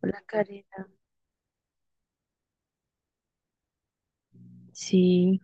Hola Karina. Sí,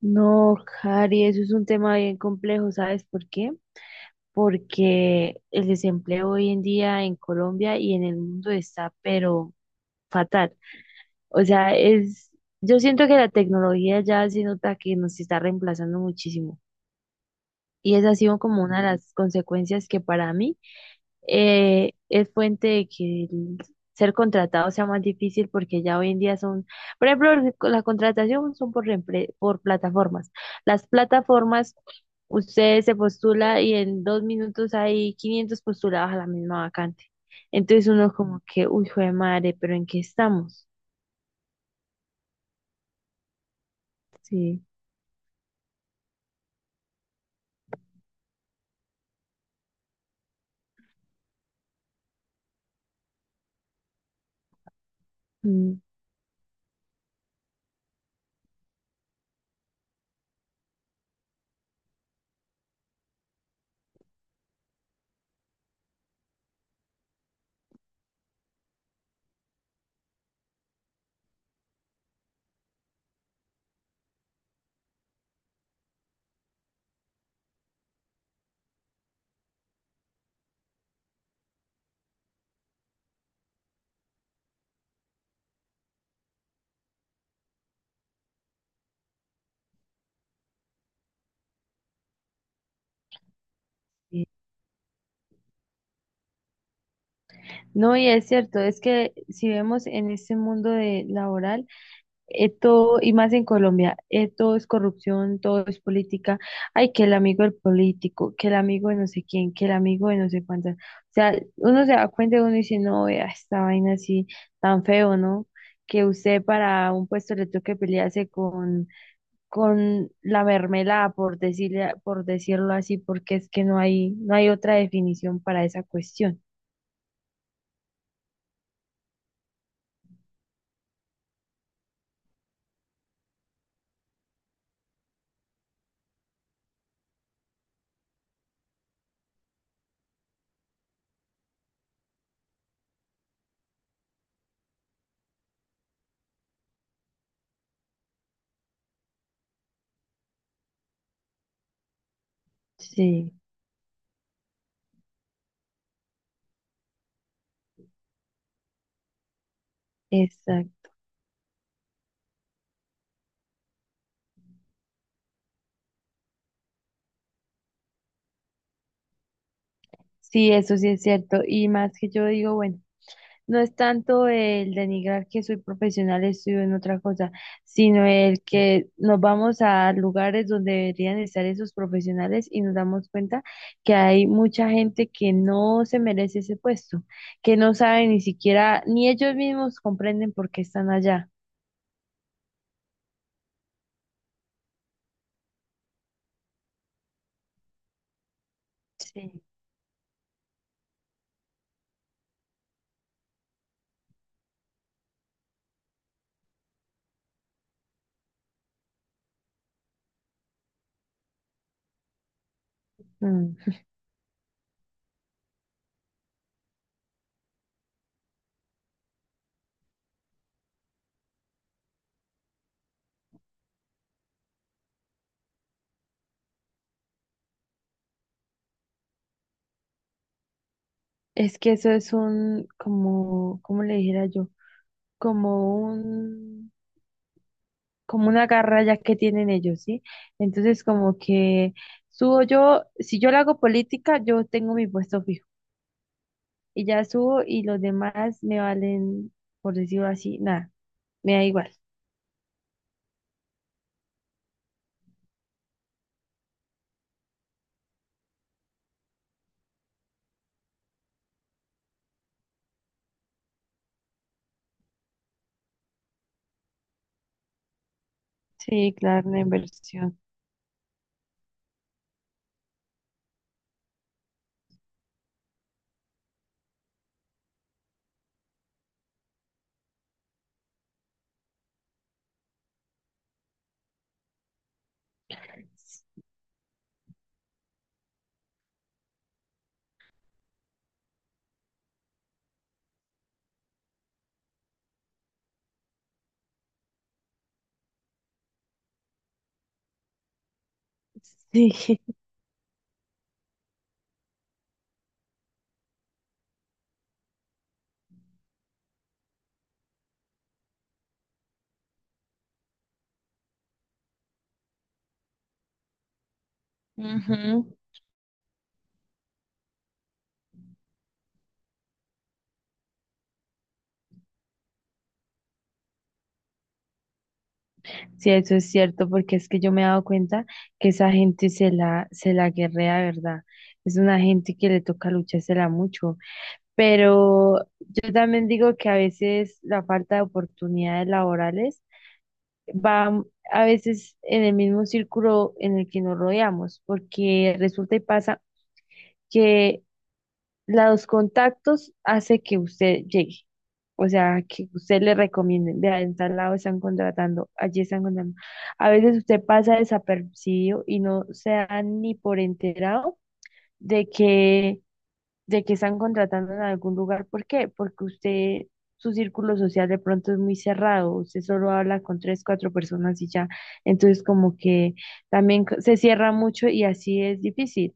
no, Cari, eso es un tema bien complejo, ¿sabes por qué? Porque el desempleo hoy en día en Colombia y en el mundo está, pero fatal. O sea, yo siento que la tecnología ya se nota que nos está reemplazando muchísimo. Y esa ha sido como una de las consecuencias que para mí es fuente de que el ser contratado sea más difícil porque ya hoy en día son, por ejemplo, la contratación son por, por plataformas. Las plataformas, usted se postula y en 2 minutos hay 500 postulados a la misma vacante. Entonces uno como que, uy, jue madre, pero ¿en qué estamos? Sí. Mm, sí. No, y es cierto, es que si vemos en este mundo de laboral, todo, y más en Colombia, todo es corrupción, todo es política. Ay, que el amigo del político, que el amigo de no sé quién, que el amigo de no sé cuántas. O sea, uno se da cuenta y uno dice, no, vea, esta vaina así tan feo, ¿no? Que usted para un puesto le toque pelearse con la mermelada, por decirle, por decirlo así, porque es que no hay otra definición para esa cuestión. Sí, exacto. Sí, eso sí es cierto. Y más que yo digo, bueno. No es tanto el denigrar que soy profesional, estudio en otra cosa, sino el que nos vamos a lugares donde deberían estar esos profesionales y nos damos cuenta que hay mucha gente que no se merece ese puesto, que no sabe ni siquiera, ni ellos mismos comprenden por qué están allá. Sí. Mm. Es que eso es un, como, ¿cómo le dijera yo? Como un... como una garra ya que tienen ellos, ¿sí? Entonces, como que subo yo, si yo le hago política, yo tengo mi puesto fijo y ya subo y los demás me valen, por decirlo así, nada, me da igual. Sí, claro, una inversión. Sí. Ujú. Sí, eso es cierto, porque es que yo me he dado cuenta que esa gente se la guerrea, ¿verdad? Es una gente que le toca luchársela mucho. Pero yo también digo que a veces la falta de oportunidades laborales va a veces en el mismo círculo en el que nos rodeamos, porque resulta y pasa que los contactos hace que usted llegue. O sea, que usted le recomienden, vea, en tal lado están contratando, allí están contratando. A veces usted pasa desapercibido y no se da ni por enterado de que de que están contratando en algún lugar. ¿Por qué? Porque usted, su círculo social de pronto es muy cerrado, usted solo habla con tres, cuatro personas y ya. Entonces como que también se cierra mucho y así es difícil.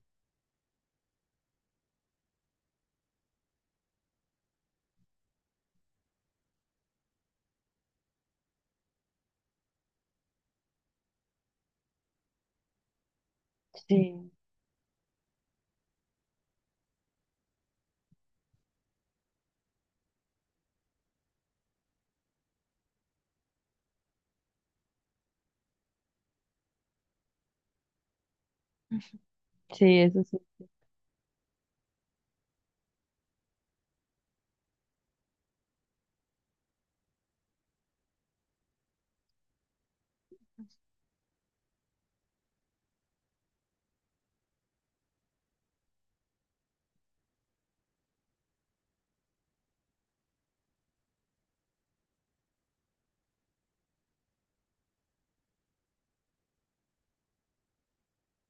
Sí, sí, eso sí.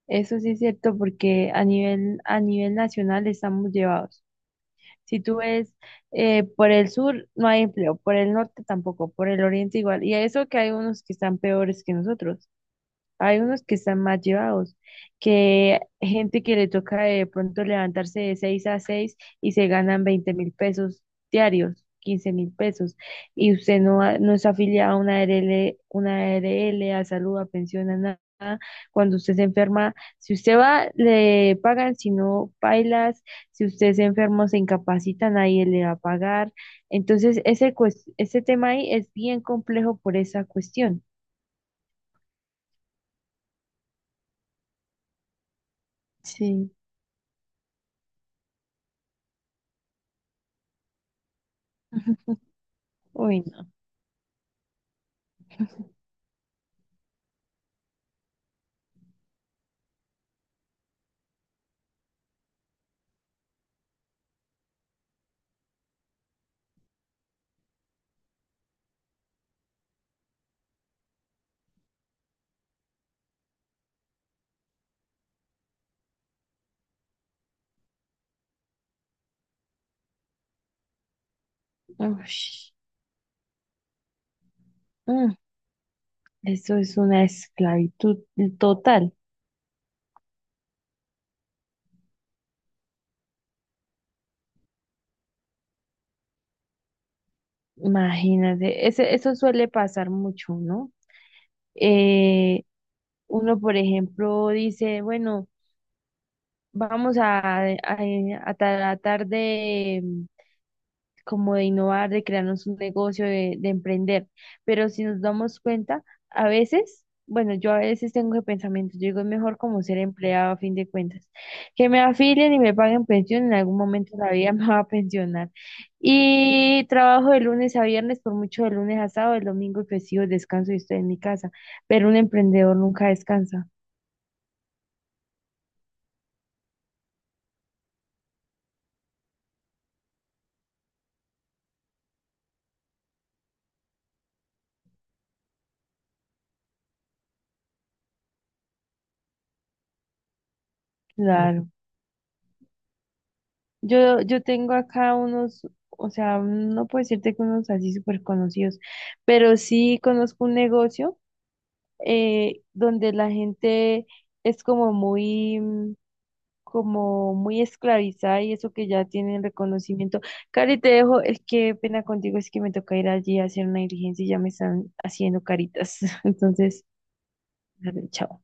Eso sí es cierto porque a nivel nacional estamos llevados. Si tú ves por el sur no hay empleo, por el norte tampoco, por el oriente igual. Y a eso que hay unos que están peores que nosotros. Hay unos que están más llevados, que gente que le toca de pronto levantarse de 6 a 6 y se ganan 20.000 pesos diarios, 15.000 pesos, y usted no, no es afiliado a una A R l a salud, a pensión, a nada. Cuando usted se enferma, si usted va, le pagan, si no, bailas, si usted se enferma, o se incapacita, nadie le va a pagar. Entonces, ese, ese tema ahí es bien complejo por esa cuestión. Sí. Ujú. Uy, no. Ush, mm, eso es una esclavitud total. Imagínate, eso suele pasar mucho, ¿no? Eh, uno, por ejemplo, dice, bueno, vamos a, a tratar de, como de innovar, de crearnos un negocio, de emprender. Pero si nos damos cuenta, a veces, bueno, yo a veces tengo ese pensamiento, yo digo, es mejor como ser empleado a fin de cuentas, que me afilien y me paguen pensión, en algún momento de la vida me va a pensionar. Y trabajo de lunes a viernes, por mucho de lunes a sábado, el domingo y festivo descanso y estoy en mi casa, pero un emprendedor nunca descansa. Claro. Yo tengo acá unos, o sea, no puedo decirte que unos así súper conocidos, pero sí conozco un negocio donde la gente es como muy, como muy esclavizada y eso que ya tienen reconocimiento. Cari, te dejo, es que pena contigo, es que me toca ir allí a hacer una diligencia y ya me están haciendo caritas. Entonces, dale, chao.